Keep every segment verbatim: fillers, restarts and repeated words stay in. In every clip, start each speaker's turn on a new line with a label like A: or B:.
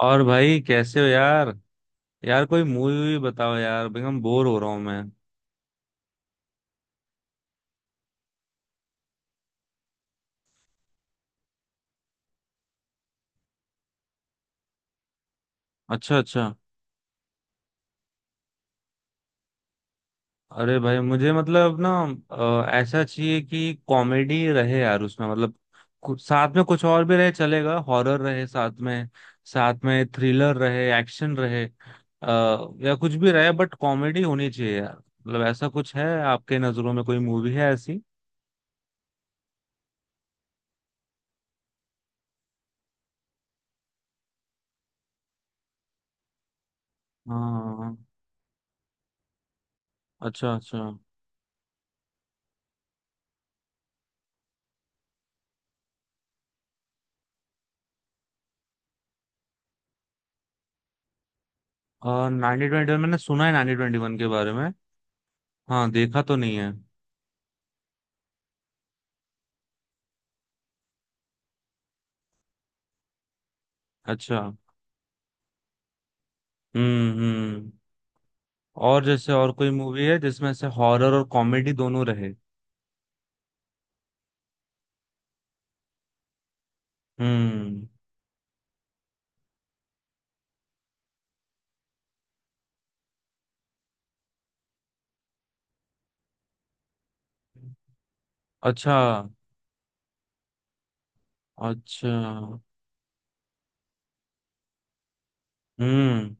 A: और भाई कैसे हो यार? यार कोई मूवी वूवी बताओ यार, भाई हम बोर हो रहा हूँ मैं। अच्छा अच्छा। अरे भाई मुझे मतलब ना, अ, ऐसा चाहिए कि कॉमेडी रहे यार, उसमें मतलब कुछ साथ में कुछ और भी रहे, चलेगा हॉरर रहे साथ में, साथ में थ्रिलर रहे, एक्शन रहे, अ, या कुछ भी रहे, बट कॉमेडी होनी चाहिए यार। मतलब ऐसा कुछ है आपके नजरों में, कोई मूवी है ऐसी? हाँ हाँ, हाँ। अच्छा अच्छा। और नाइनटीन ट्वेंटी वन, मैंने सुना है नाइनटीन ट्वेंटी वन के बारे में। हाँ, देखा तो नहीं है। अच्छा। हम्म हम्म। और जैसे और कोई मूवी है जिसमें से हॉरर और कॉमेडी दोनों रहे? हम्म। अच्छा। अच्छा। हम्म।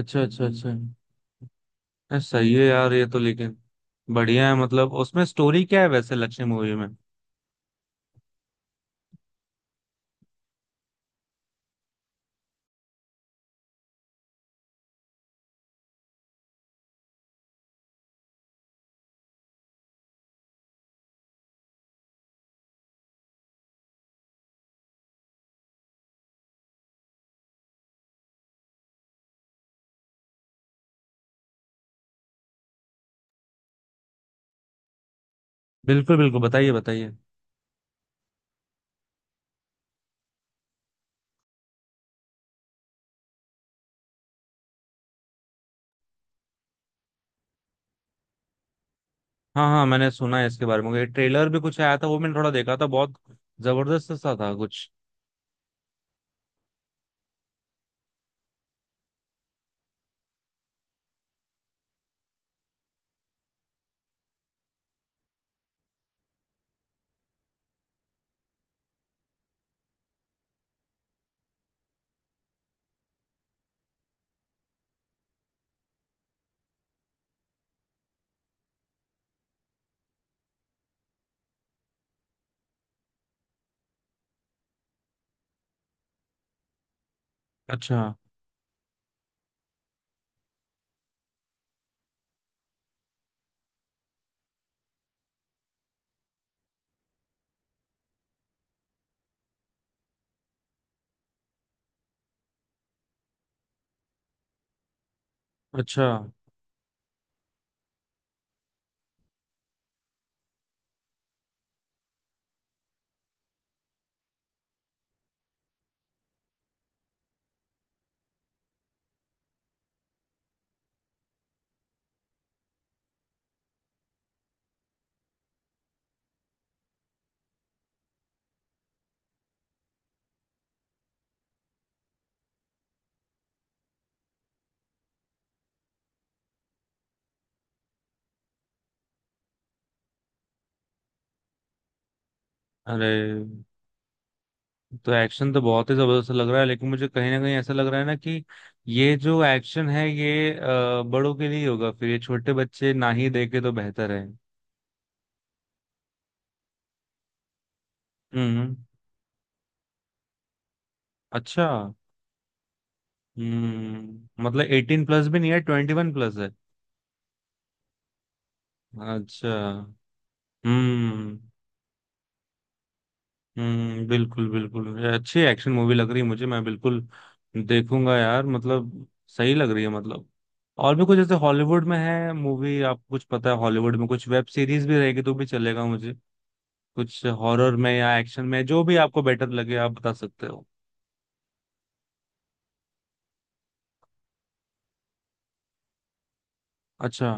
A: अच्छा अच्छा अच्छा, ये सही है यार, ये तो। लेकिन बढ़िया है। मतलब उसमें स्टोरी क्या है वैसे लक्ष्य मूवी में? बिल्कुल बिल्कुल, बताइए बताइए। हाँ हाँ, मैंने सुना है इसके बारे में, ये ट्रेलर भी कुछ आया था, वो मैंने थोड़ा देखा था, बहुत जबरदस्त सा था कुछ। अच्छा। अच्छा। अरे! तो एक्शन तो बहुत ही जबरदस्त लग रहा है, लेकिन मुझे कहीं ना कहीं ऐसा लग रहा है ना कि ये जो एक्शन है, ये अ, बड़ों के लिए होगा, फिर ये छोटे बच्चे ना ही देखे तो बेहतर है। हम्म। अच्छा। हम्म, मतलब एटीन प्लस भी नहीं है, ट्वेंटी वन प्लस है? अच्छा। हम्म। हम्म, बिल्कुल बिल्कुल, ये अच्छी एक्शन मूवी लग रही है मुझे, मैं बिल्कुल देखूंगा यार। मतलब सही लग रही है मतलब। और भी कुछ जैसे हॉलीवुड में है मूवी, आपको कुछ पता है? हॉलीवुड में कुछ वेब सीरीज भी रहेगी तो भी चलेगा, कुछ हॉरर में या एक्शन में, जो भी आपको बेटर लगे आप बता सकते हो। अच्छा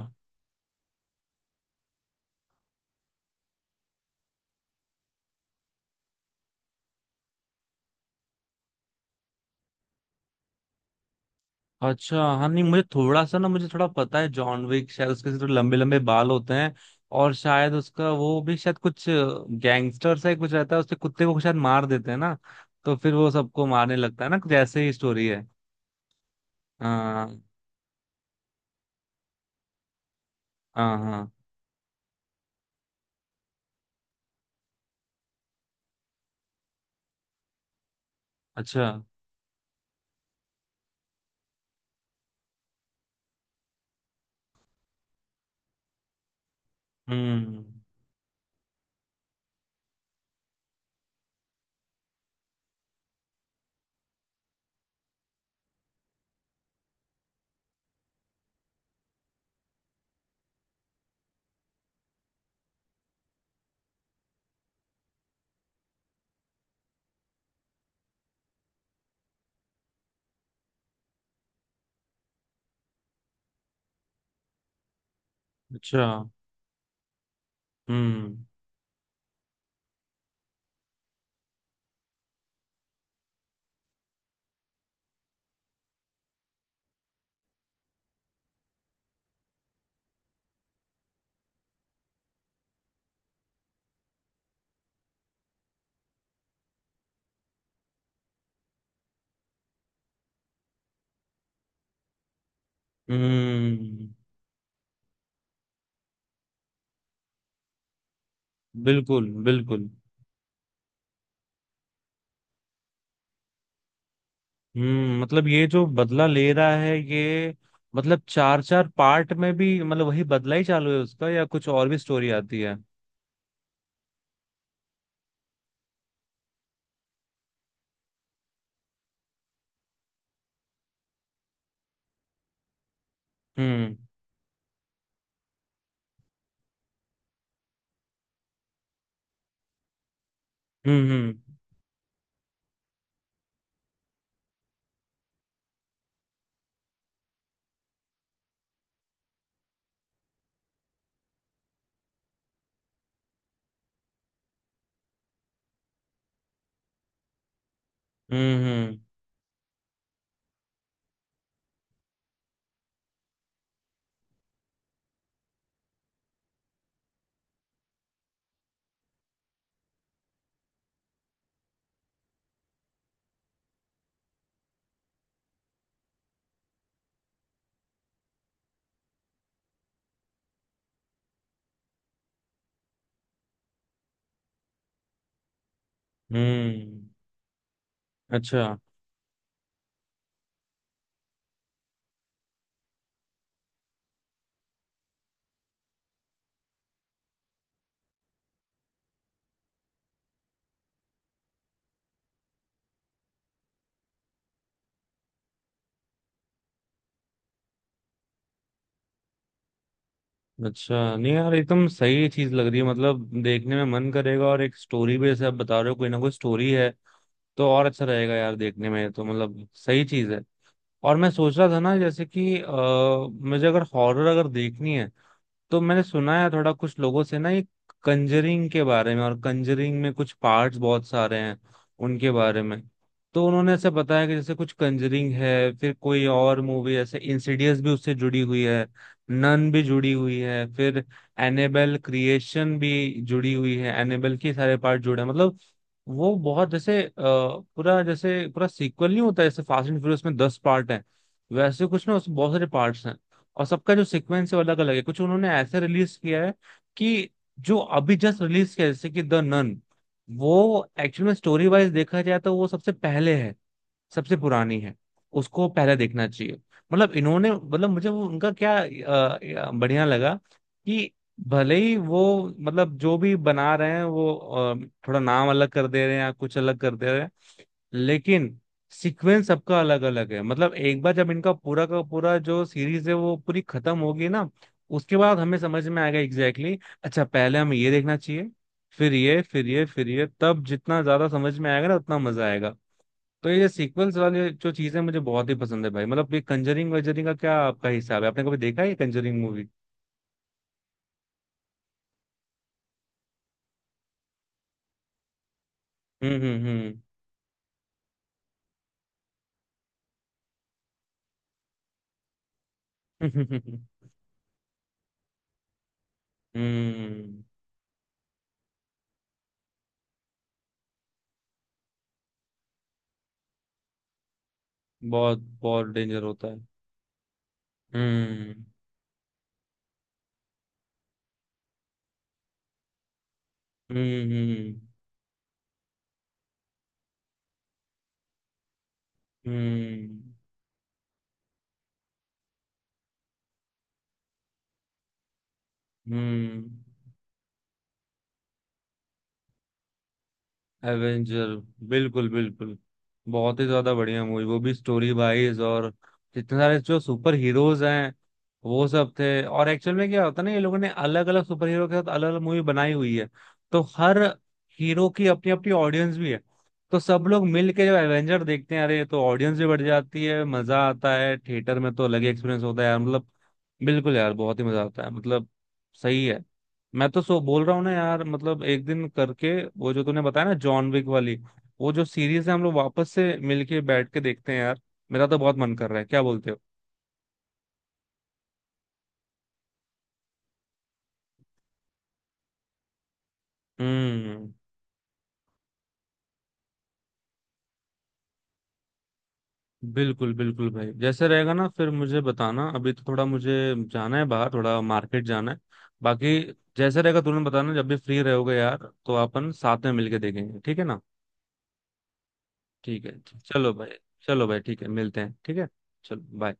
A: अच्छा। हाँ, नहीं मुझे थोड़ा सा ना, मुझे थोड़ा पता है जॉन विक, शायद उसके थोड़े लंबे लंबे बाल होते हैं, और शायद उसका वो भी शायद कुछ गैंगस्टर सा ही कुछ रहता है, उसके कुत्ते को शायद मार देते हैं ना, तो फिर वो सबको मारने लगता है ना, कुछ ऐसे ही स्टोरी है। हाँ हाँ। हाँ। अच्छा। हम्म। अच्छा। हम्म हम्म। बिल्कुल बिल्कुल। हम्म, मतलब ये जो बदला ले रहा है ये, मतलब चार चार पार्ट में भी मतलब वही बदला ही चालू है उसका या कुछ और भी स्टोरी आती है? हम्म। हम्म। हम्म। हम्म। हम्म। अच्छा। अच्छा, नहीं यार एकदम सही चीज लग रही है, मतलब देखने में मन करेगा, और एक स्टोरी भी जैसे आप बता रहे हो कोई ना कोई स्टोरी है तो और अच्छा रहेगा यार देखने में तो, मतलब सही चीज है। और मैं सोच रहा था ना जैसे कि आ, मुझे अगर हॉरर अगर देखनी है, तो मैंने सुना है थोड़ा कुछ लोगों से ना, ये कंजरिंग के बारे में, और कंजरिंग में कुछ पार्ट्स बहुत सारे हैं उनके बारे में। तो उन्होंने ऐसे बताया कि जैसे कुछ कंजरिंग है, फिर कोई और मूवी ऐसे इंसिडियस भी उससे जुड़ी हुई है, नन भी जुड़ी हुई है, फिर एनेबल क्रिएशन भी जुड़ी हुई है, एनेबल के सारे पार्ट जुड़े हैं मतलब। वो बहुत जैसे अ, पूरा जैसे पूरा सीक्वल नहीं होता जैसे फास्ट एंड फ्यूरियस में दस पार्ट हैं, वैसे कुछ ना, उसमें बहुत सारे पार्ट्स हैं, और सबका जो सीक्वेंस है वो अलग अलग है। कुछ उन्होंने ऐसे रिलीज किया है कि जो अभी जस्ट रिलीज किया है, जैसे कि द नन, वो एक्चुअल में स्टोरी वाइज देखा जाए तो वो सबसे पहले है, सबसे पुरानी है, उसको पहले देखना चाहिए। मतलब इन्होंने, मतलब मुझे वो उनका क्या, अ, अ, बढ़िया लगा कि भले ही वो, मतलब जो भी बना रहे हैं वो, अ, थोड़ा नाम अलग कर दे रहे हैं या कुछ अलग कर दे रहे हैं, लेकिन सीक्वेंस सबका अलग अलग है। मतलब एक बार जब इनका पूरा का पूरा जो सीरीज है वो पूरी खत्म होगी ना, उसके बाद हमें समझ में आएगा एग्जैक्टली exactly, अच्छा पहले हमें ये देखना चाहिए, फिर ये, फिर ये, फिर ये, तब जितना ज्यादा समझ में आएगा ना उतना मजा आएगा। तो ये सीक्वेंस वाली जो चीजें मुझे बहुत ही पसंद है भाई। मतलब ये कंजरिंग वंजरिंग का क्या आपका हिसाब है, आपने कभी देखा है ये कंजरिंग मूवी? हम्म हम्म। हम्म हम्म। बहुत बहुत डेंजर होता है। हम्म। हम्म हम्म। हम्म। हम्म। एवेंजर? बिल्कुल बिल्कुल, बहुत ही ज्यादा बढ़िया मूवी वो भी, स्टोरी वाइज। और जितने सारे जो सुपर हीरोज हैं वो सब थे, और एक्चुअल में क्या होता है ना, ये लोगों ने अलग अलग सुपर हीरो के साथ अलग अलग मूवी बनाई हुई है, तो हर हीरो की अपनी अपनी ऑडियंस भी है। तो सब लोग मिल के जब एवेंजर देखते हैं, अरे तो ऑडियंस भी बढ़ जाती है, मजा आता है, थिएटर में तो अलग ही एक्सपीरियंस होता है यार मतलब। बिल्कुल यार, बहुत ही मजा आता है मतलब, सही है। मैं तो सो बोल रहा हूँ ना यार, मतलब एक दिन करके वो जो तूने बताया ना जॉन विक वाली, वो जो सीरीज है हम लोग वापस से मिलके बैठ के देखते हैं यार, मेरा तो बहुत मन कर रहा है, क्या बोलते हो? हम्म। बिल्कुल बिल्कुल भाई, जैसे रहेगा ना फिर मुझे बताना, अभी तो थोड़ा मुझे जाना है बाहर, थोड़ा मार्केट जाना है। बाकी जैसे रहेगा तुरंत बताना, जब भी फ्री रहोगे यार तो अपन साथ में मिलके देखेंगे, ठीक है ना? ठीक है। चलो भाई। चलो भाई, ठीक है, मिलते हैं, ठीक है। चलो, बाय।